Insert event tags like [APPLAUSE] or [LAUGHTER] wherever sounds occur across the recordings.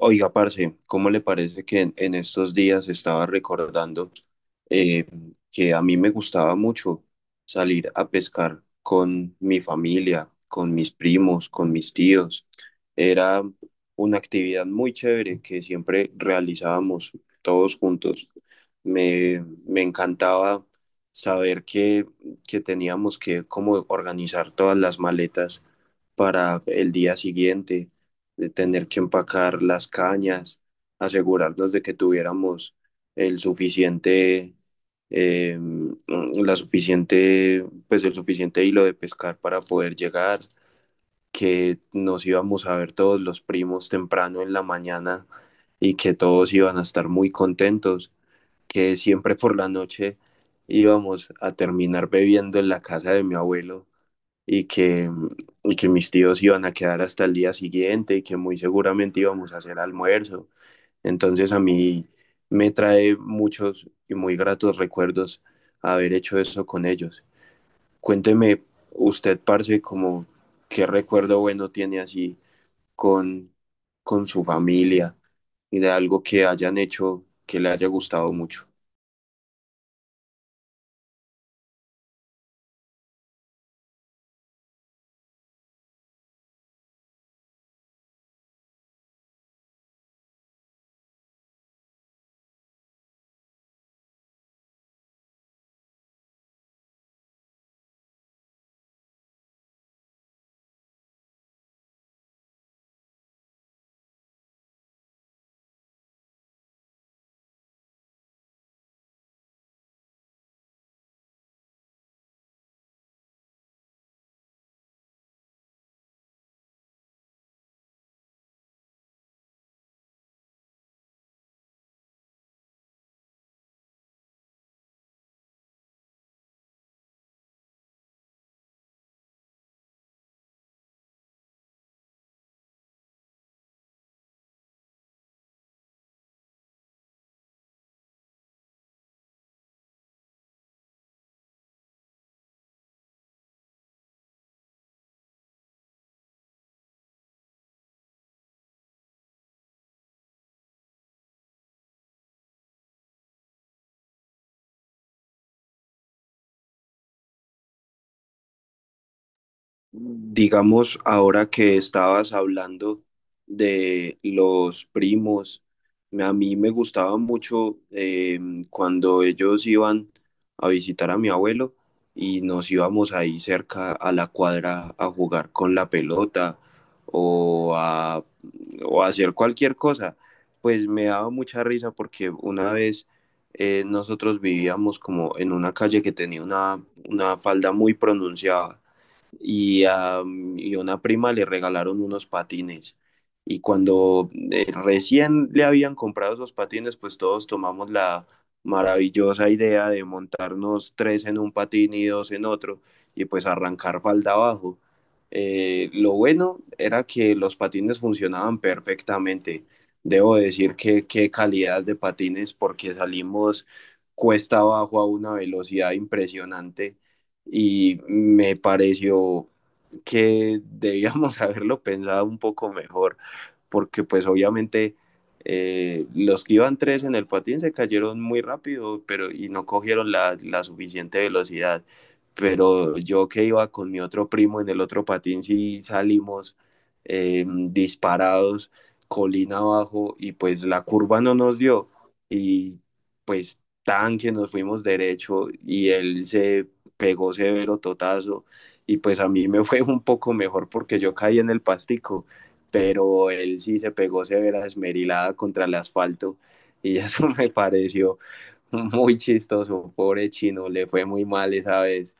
Oiga, parce, ¿cómo le parece que en estos días estaba recordando eh, que a mí me gustaba mucho salir a pescar con mi familia, con mis primos, con mis tíos? Era una actividad muy chévere que siempre realizábamos todos juntos. Me encantaba saber que teníamos que como organizar todas las maletas para el día siguiente de tener que empacar las cañas, asegurarnos de que tuviéramos el suficiente, eh, la suficiente, pues el suficiente hilo de pescar para poder llegar, que nos íbamos a ver todos los primos temprano en la mañana y que todos iban a estar muy contentos, que siempre por la noche íbamos a terminar bebiendo en la casa de mi abuelo y que, y que mis tíos iban a quedar hasta el día siguiente y que muy seguramente íbamos a hacer almuerzo. Entonces a mí me trae muchos y muy gratos recuerdos haber hecho eso con ellos. Cuénteme usted, parce, como qué recuerdo bueno tiene así con, con su familia y de algo que hayan hecho que le haya gustado mucho. Digamos, ahora que estabas hablando de los primos, a mí me gustaba mucho cuando ellos iban a visitar a mi abuelo y nos íbamos ahí cerca a la cuadra a jugar con la pelota o a, o a hacer cualquier cosa. Pues me daba mucha risa porque una vez nosotros vivíamos como en una calle que tenía una falda muy pronunciada y a y a una prima le regalaron unos patines. Y cuando recién le habían comprado esos patines, pues todos tomamos la maravillosa idea de montarnos tres en un patín y dos en otro, y pues arrancar falda abajo. Lo bueno era que los patines funcionaban perfectamente. Debo decir que qué calidad de patines, porque salimos cuesta abajo a una velocidad impresionante y me pareció que debíamos [LAUGHS] haberlo pensado un poco mejor porque pues obviamente los que iban tres en el patín se cayeron muy rápido pero, y no cogieron la suficiente velocidad. Pero yo que iba con mi otro primo en el otro patín, sí salimos disparados, colina abajo, y pues la curva no nos dio. Y pues tan que nos fuimos derecho y él se pegó severo totazo. Y pues a mí me fue un poco mejor porque yo caí en el pastico, pero él sí se pegó severa esmerilada contra el asfalto y [LAUGHS] eso me pareció muy chistoso, pobre chino, le fue muy mal esa vez.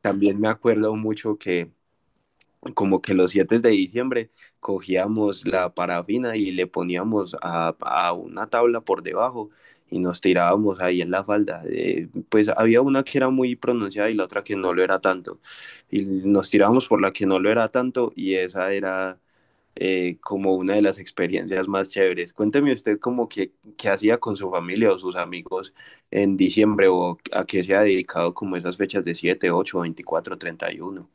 También me acuerdo mucho que como que los 7 de diciembre cogíamos la parafina y le poníamos a una tabla por debajo y nos tirábamos ahí en la falda. Pues había una que era muy pronunciada y la otra que no lo era tanto. Y nos tirábamos por la que no lo era tanto y esa era como una de las experiencias más chéveres. Cuénteme usted como que, qué hacía con su familia o sus amigos en diciembre o a qué se ha dedicado como esas fechas de 7, 31.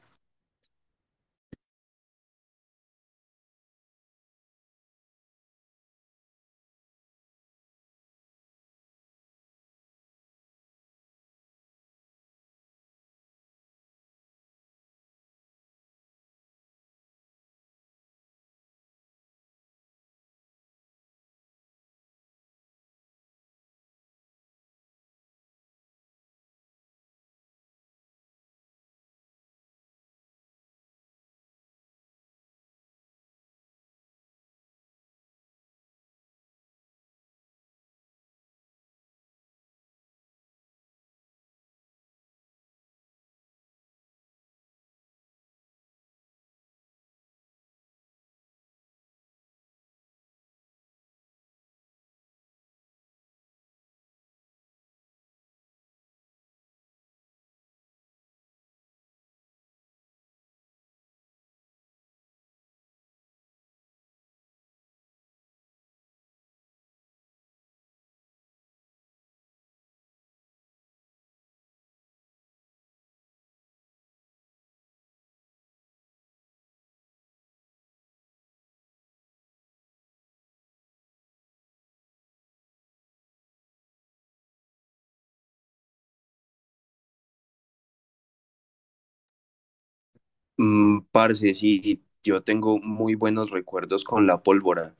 Mm, parce, sí, yo tengo muy buenos recuerdos con la pólvora,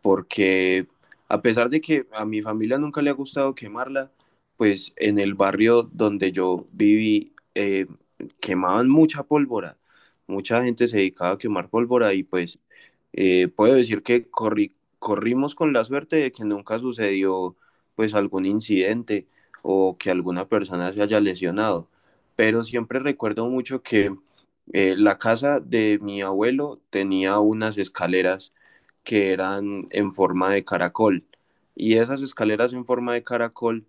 porque a pesar de que a mi familia nunca le ha gustado quemarla, pues en el barrio donde yo viví quemaban mucha pólvora, mucha gente se dedicaba a quemar pólvora y pues puedo decir que corrimos con la suerte de que nunca sucedió pues algún incidente o que alguna persona se haya lesionado, pero siempre recuerdo mucho que la casa de mi abuelo tenía unas escaleras que eran en forma de caracol y esas escaleras en forma de caracol,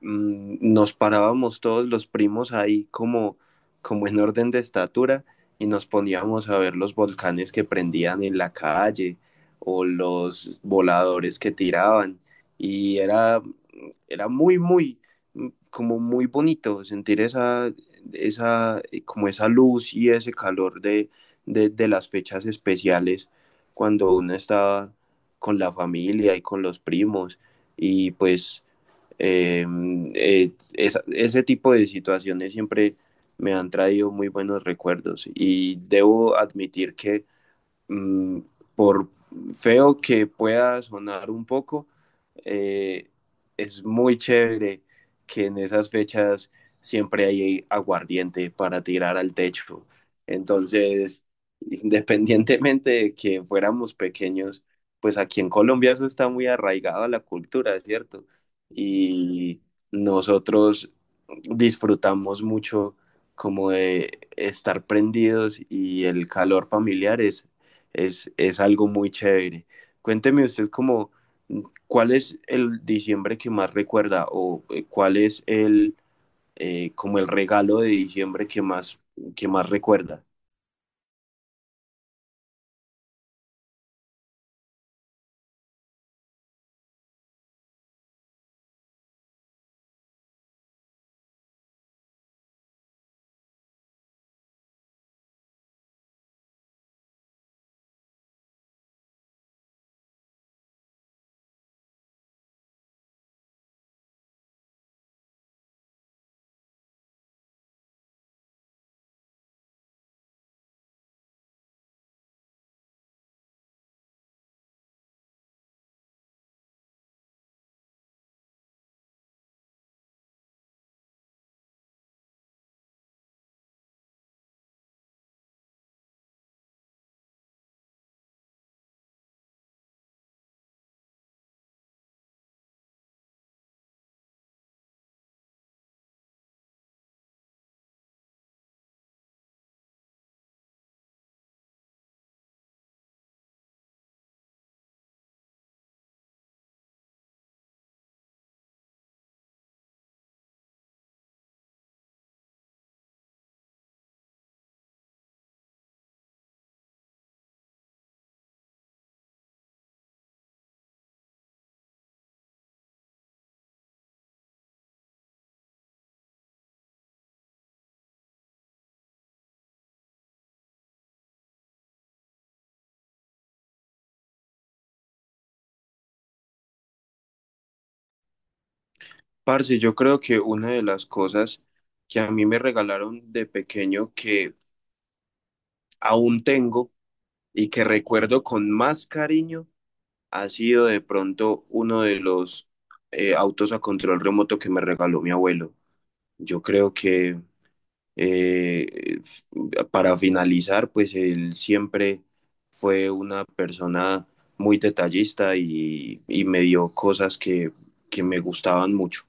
nos parábamos todos los primos ahí como, como en orden de estatura y nos poníamos a ver los volcanes que prendían en la calle o los voladores que tiraban y era como muy bonito sentir como esa luz y ese calor de las fechas especiales cuando uno estaba con la familia y con los primos y pues eh, ese tipo de situaciones siempre me han traído muy buenos recuerdos y debo admitir que mm, por feo que pueda sonar un poco, eh, es muy chévere que en esas fechas siempre hay aguardiente para tirar al techo. Entonces, independientemente de que fuéramos pequeños, pues aquí en Colombia eso está muy arraigado a la cultura, ¿cierto? Y nosotros disfrutamos mucho como de estar prendidos y el calor familiar es algo muy chévere. Cuénteme usted como, mm, ¿cuál es el diciembre que más recuerda o cuál es como el regalo de diciembre que que más recuerda? Parce, yo creo que una de las cosas que a mí me regalaron de pequeño que aún tengo y que recuerdo con más cariño ha sido de pronto uno de los autos a control remoto que me regaló mi abuelo. Yo creo que Eh, f- para finalizar, pues él siempre fue una persona muy detallista y me dio cosas que me gustaban mucho.